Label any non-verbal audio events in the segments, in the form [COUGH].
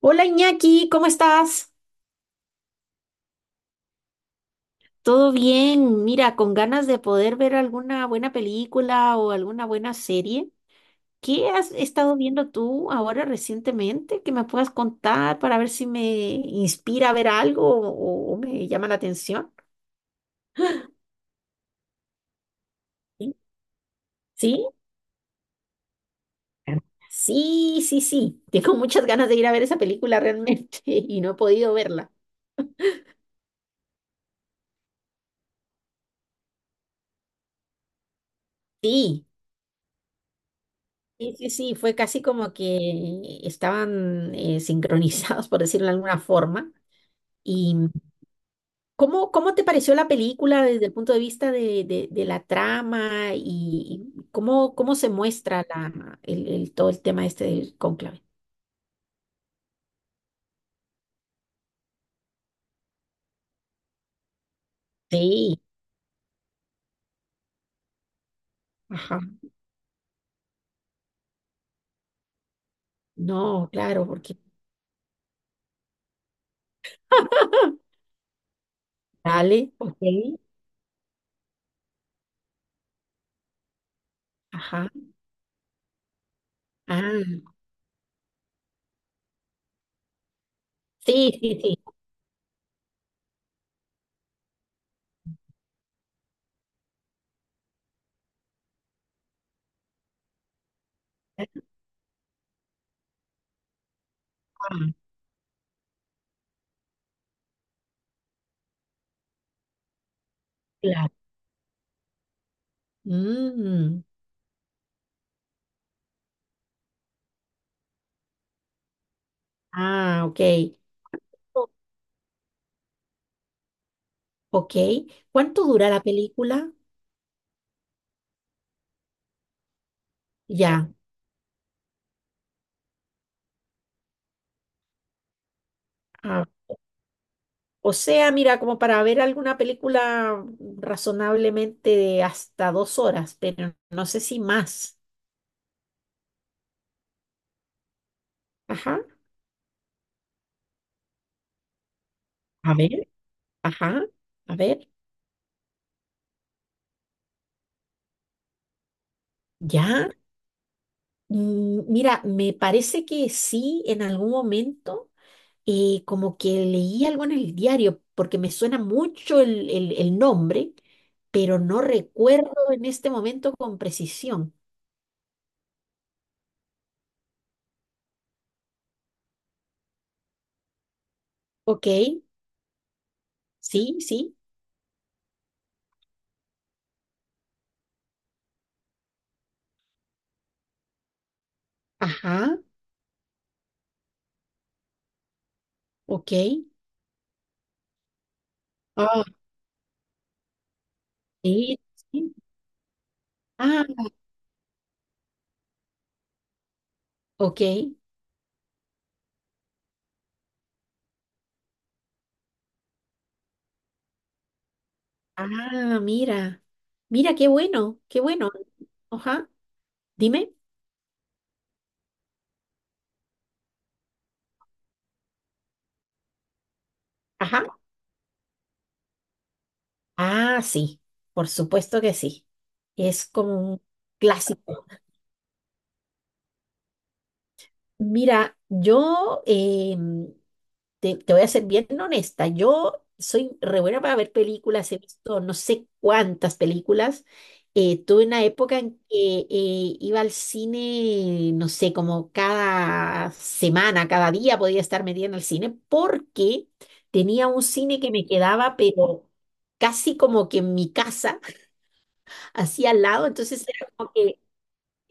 Hola Iñaki, ¿cómo estás? ¿Todo bien? Mira, con ganas de poder ver alguna buena película o alguna buena serie. ¿Qué has estado viendo tú ahora recientemente que me puedas contar para ver si me inspira a ver algo o me llama la atención? ¿Sí? ¿Sí? Sí, sí, sí. Tengo muchas ganas de ir a ver esa película realmente [LAUGHS] y no he podido verla. Sí, sí, sí, sí. Fue casi como que estaban sincronizados, por decirlo de alguna forma. y ¿cómo te pareció la película desde el punto de vista de la trama y cómo se muestra todo el tema este del cónclave? Sí, ajá. No, claro, porque dale, ok, ajá. Ah, sí, sí, sí. Ah, claro. Mm, ah, ok. O- Ok. ¿Cuánto dura la película? Ya. O sea, mira, como para ver alguna película razonablemente de hasta 2 horas, pero no sé si más. Ajá, a ver, ajá, a ver, ya. Mira, me parece que sí, en algún momento, como que leí algo en el diario, porque me suena mucho el nombre, pero no recuerdo en este momento con precisión. Ok, sí, sí, ajá, ok. Ah, sí, sí. Ah, ok. Ah, mira. Mira, qué bueno, qué bueno. Ajá. Dime. Ajá. Ah, sí. Por supuesto que sí. Es como un clásico. Mira, te voy a ser bien honesta, yo soy re buena para ver películas, he visto no sé cuántas películas. Tuve una época en que iba al cine, no sé, como cada semana, cada día podía estar metida en el cine porque tenía un cine que me quedaba, pero casi como que en mi casa, [LAUGHS] así al lado, entonces era como que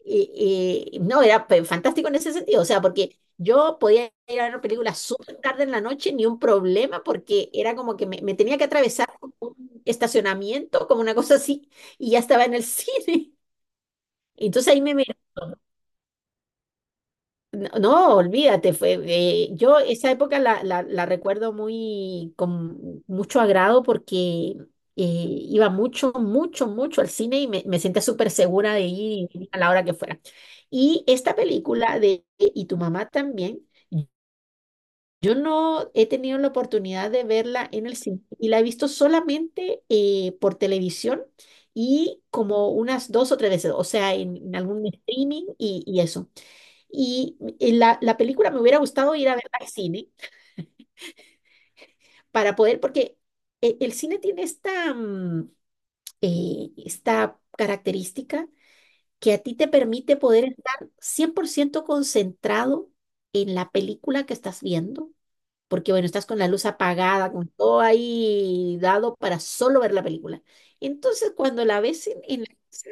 y no, era fantástico en ese sentido, o sea, porque yo podía ir a ver películas súper tarde en la noche, ni un problema, porque era como que me tenía que atravesar como un estacionamiento, como una cosa así, y ya estaba en el cine. [LAUGHS] Entonces ahí me miró. No, no, olvídate, yo esa época la recuerdo muy con mucho agrado porque iba mucho, mucho, mucho al cine y me sentía súper segura de ir a la hora que fuera. Y esta película de Y tu mamá también, yo no he tenido la oportunidad de verla en el cine y la he visto solamente por televisión y como unas dos o tres veces, o sea, en algún streaming y eso. Y la película me hubiera gustado ir a verla al cine para poder, porque el cine tiene esta característica que a ti te permite poder estar 100% concentrado en la película que estás viendo porque bueno, estás con la luz apagada, con todo ahí dado para solo ver la película. Entonces, cuando la ves en la casa,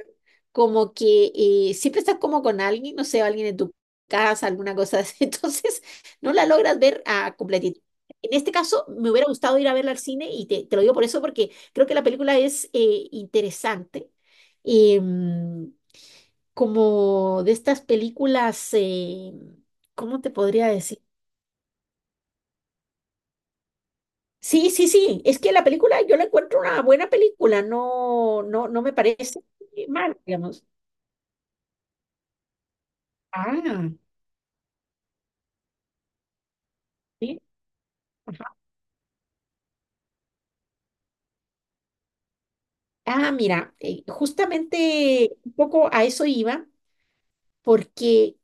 como que siempre estás como con alguien, no sé, alguien en tu casa, alguna cosa así, [LAUGHS] entonces no la logras ver a completitud. En este caso, me hubiera gustado ir a verla al cine y te lo digo por eso, porque creo que la película es interesante. Em, Como de estas películas, ¿cómo te podría decir? Sí, sí, sí. Es que la película, yo la encuentro una buena película. No, no, no me parece mal, digamos. Ah, sí. Ajá. Ah, mira, justamente un poco a eso iba, porque,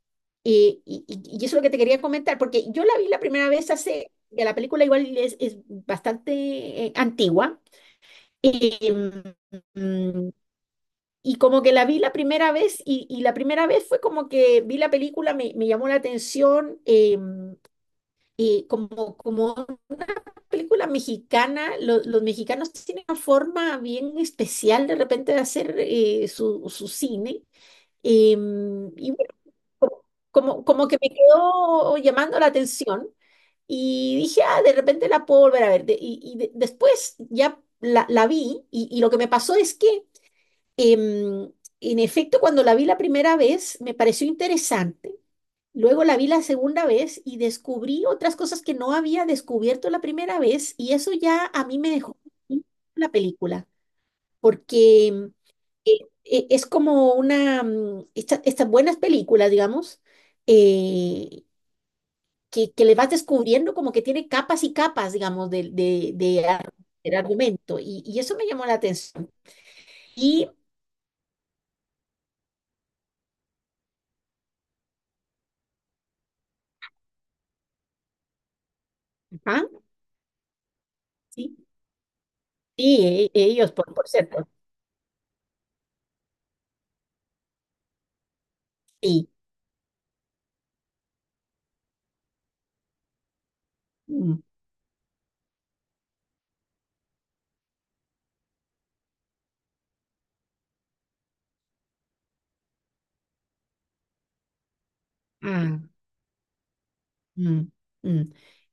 y eso es lo que te quería comentar, porque yo la vi la primera vez hace, que la película igual es, bastante antigua, em, mm, y como que la vi la primera vez, y la primera vez fue como que vi la película, me llamó la atención, y como una película mexicana, los mexicanos tienen una forma bien especial de repente de hacer su cine. Y bueno, co- como que me quedó llamando la atención y dije, ah, de repente la puedo volver a ver. Después ya la vi y lo que me pasó es que, em, en efecto, cuando la vi la primera vez, me pareció interesante. Luego la vi la segunda vez y descubrí otras cosas que no había descubierto la primera vez y eso ya a mí me dejó la película, porque eh, es como estas buenas películas, digamos, eh, que le vas descubriendo como que tiene capas y capas, digamos, del argumento y eso me llamó la atención. Y, ajá, sí, sí. Ellos, por cierto, sí. Mm. Mm. Mm.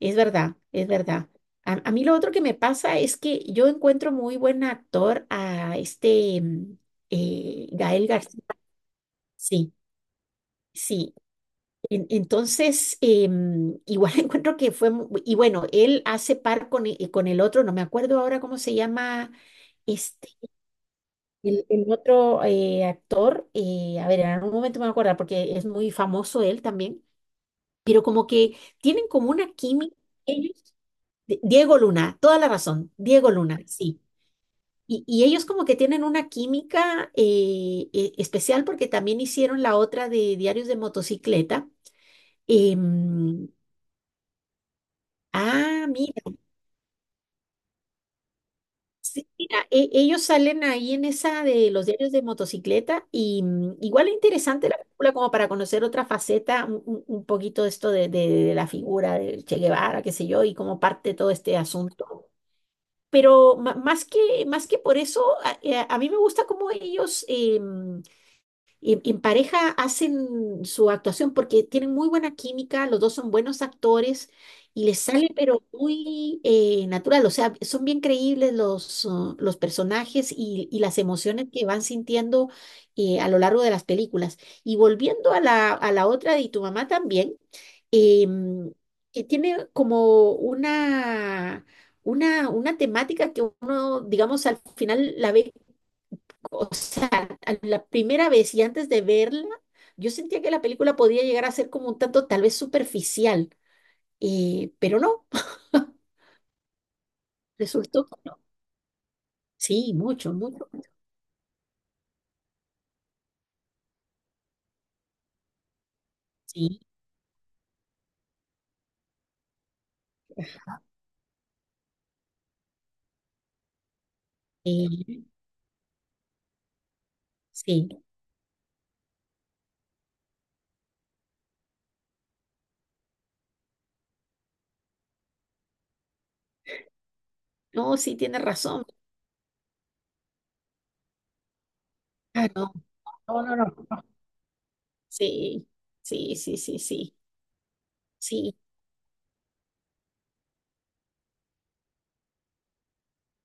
Es verdad, es verdad. A mí lo otro que me pasa es que yo encuentro muy buen actor a este Gael García. Sí, sí. Entonces, igual [LAUGHS] encuentro que y bueno, él hace par con el otro, no me acuerdo ahora cómo se llama este, el otro actor. A ver, en algún momento me voy a acordar porque es muy famoso él también, pero como que tienen como una química. Diego Luna, toda la razón, Diego Luna, sí. Y ellos como que tienen una química especial porque también hicieron la otra de Diarios de Motocicleta. Em, ah, mira, sí, mira, ellos salen ahí en esa de los Diarios de Motocicleta y igual es interesante la película como para conocer otra faceta, un poquito esto de la figura de Che Guevara, qué sé yo, y cómo parte todo este asunto. Pero más que, más que por eso, a mí me gusta cómo ellos, y en pareja hacen su actuación porque tienen muy buena química, los dos son buenos actores y les sale pero muy natural, o sea, son bien creíbles los personajes y las emociones que van sintiendo a lo largo de las películas. Y volviendo a la otra de Y tu mamá también, em, que tiene como una. Una temática que uno, digamos, al final la ve, o sea, a la primera vez y antes de verla, yo sentía que la película podía llegar a ser como un tanto tal vez superficial, pero no, [LAUGHS] resultó que no. Sí, mucho, mucho, mucho. Sí, eh, sí. No, sí, tienes razón. Ah, no, no, no, no. Sí, sí, sí, sí, sí, sí,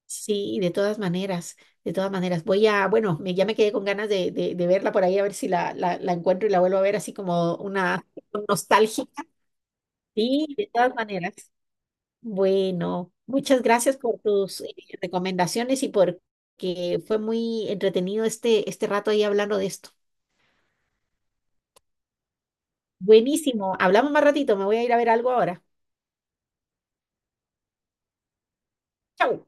sí, de todas maneras, de todas maneras. Bueno, ya me quedé con ganas de verla por ahí, a ver si la encuentro y la vuelvo a ver así como una nostálgica. Sí, de todas maneras. Bueno, muchas gracias por tus recomendaciones y por que fue muy entretenido este rato ahí hablando de esto. Buenísimo. Hablamos más ratito. Me voy a ir a ver algo ahora. Chau.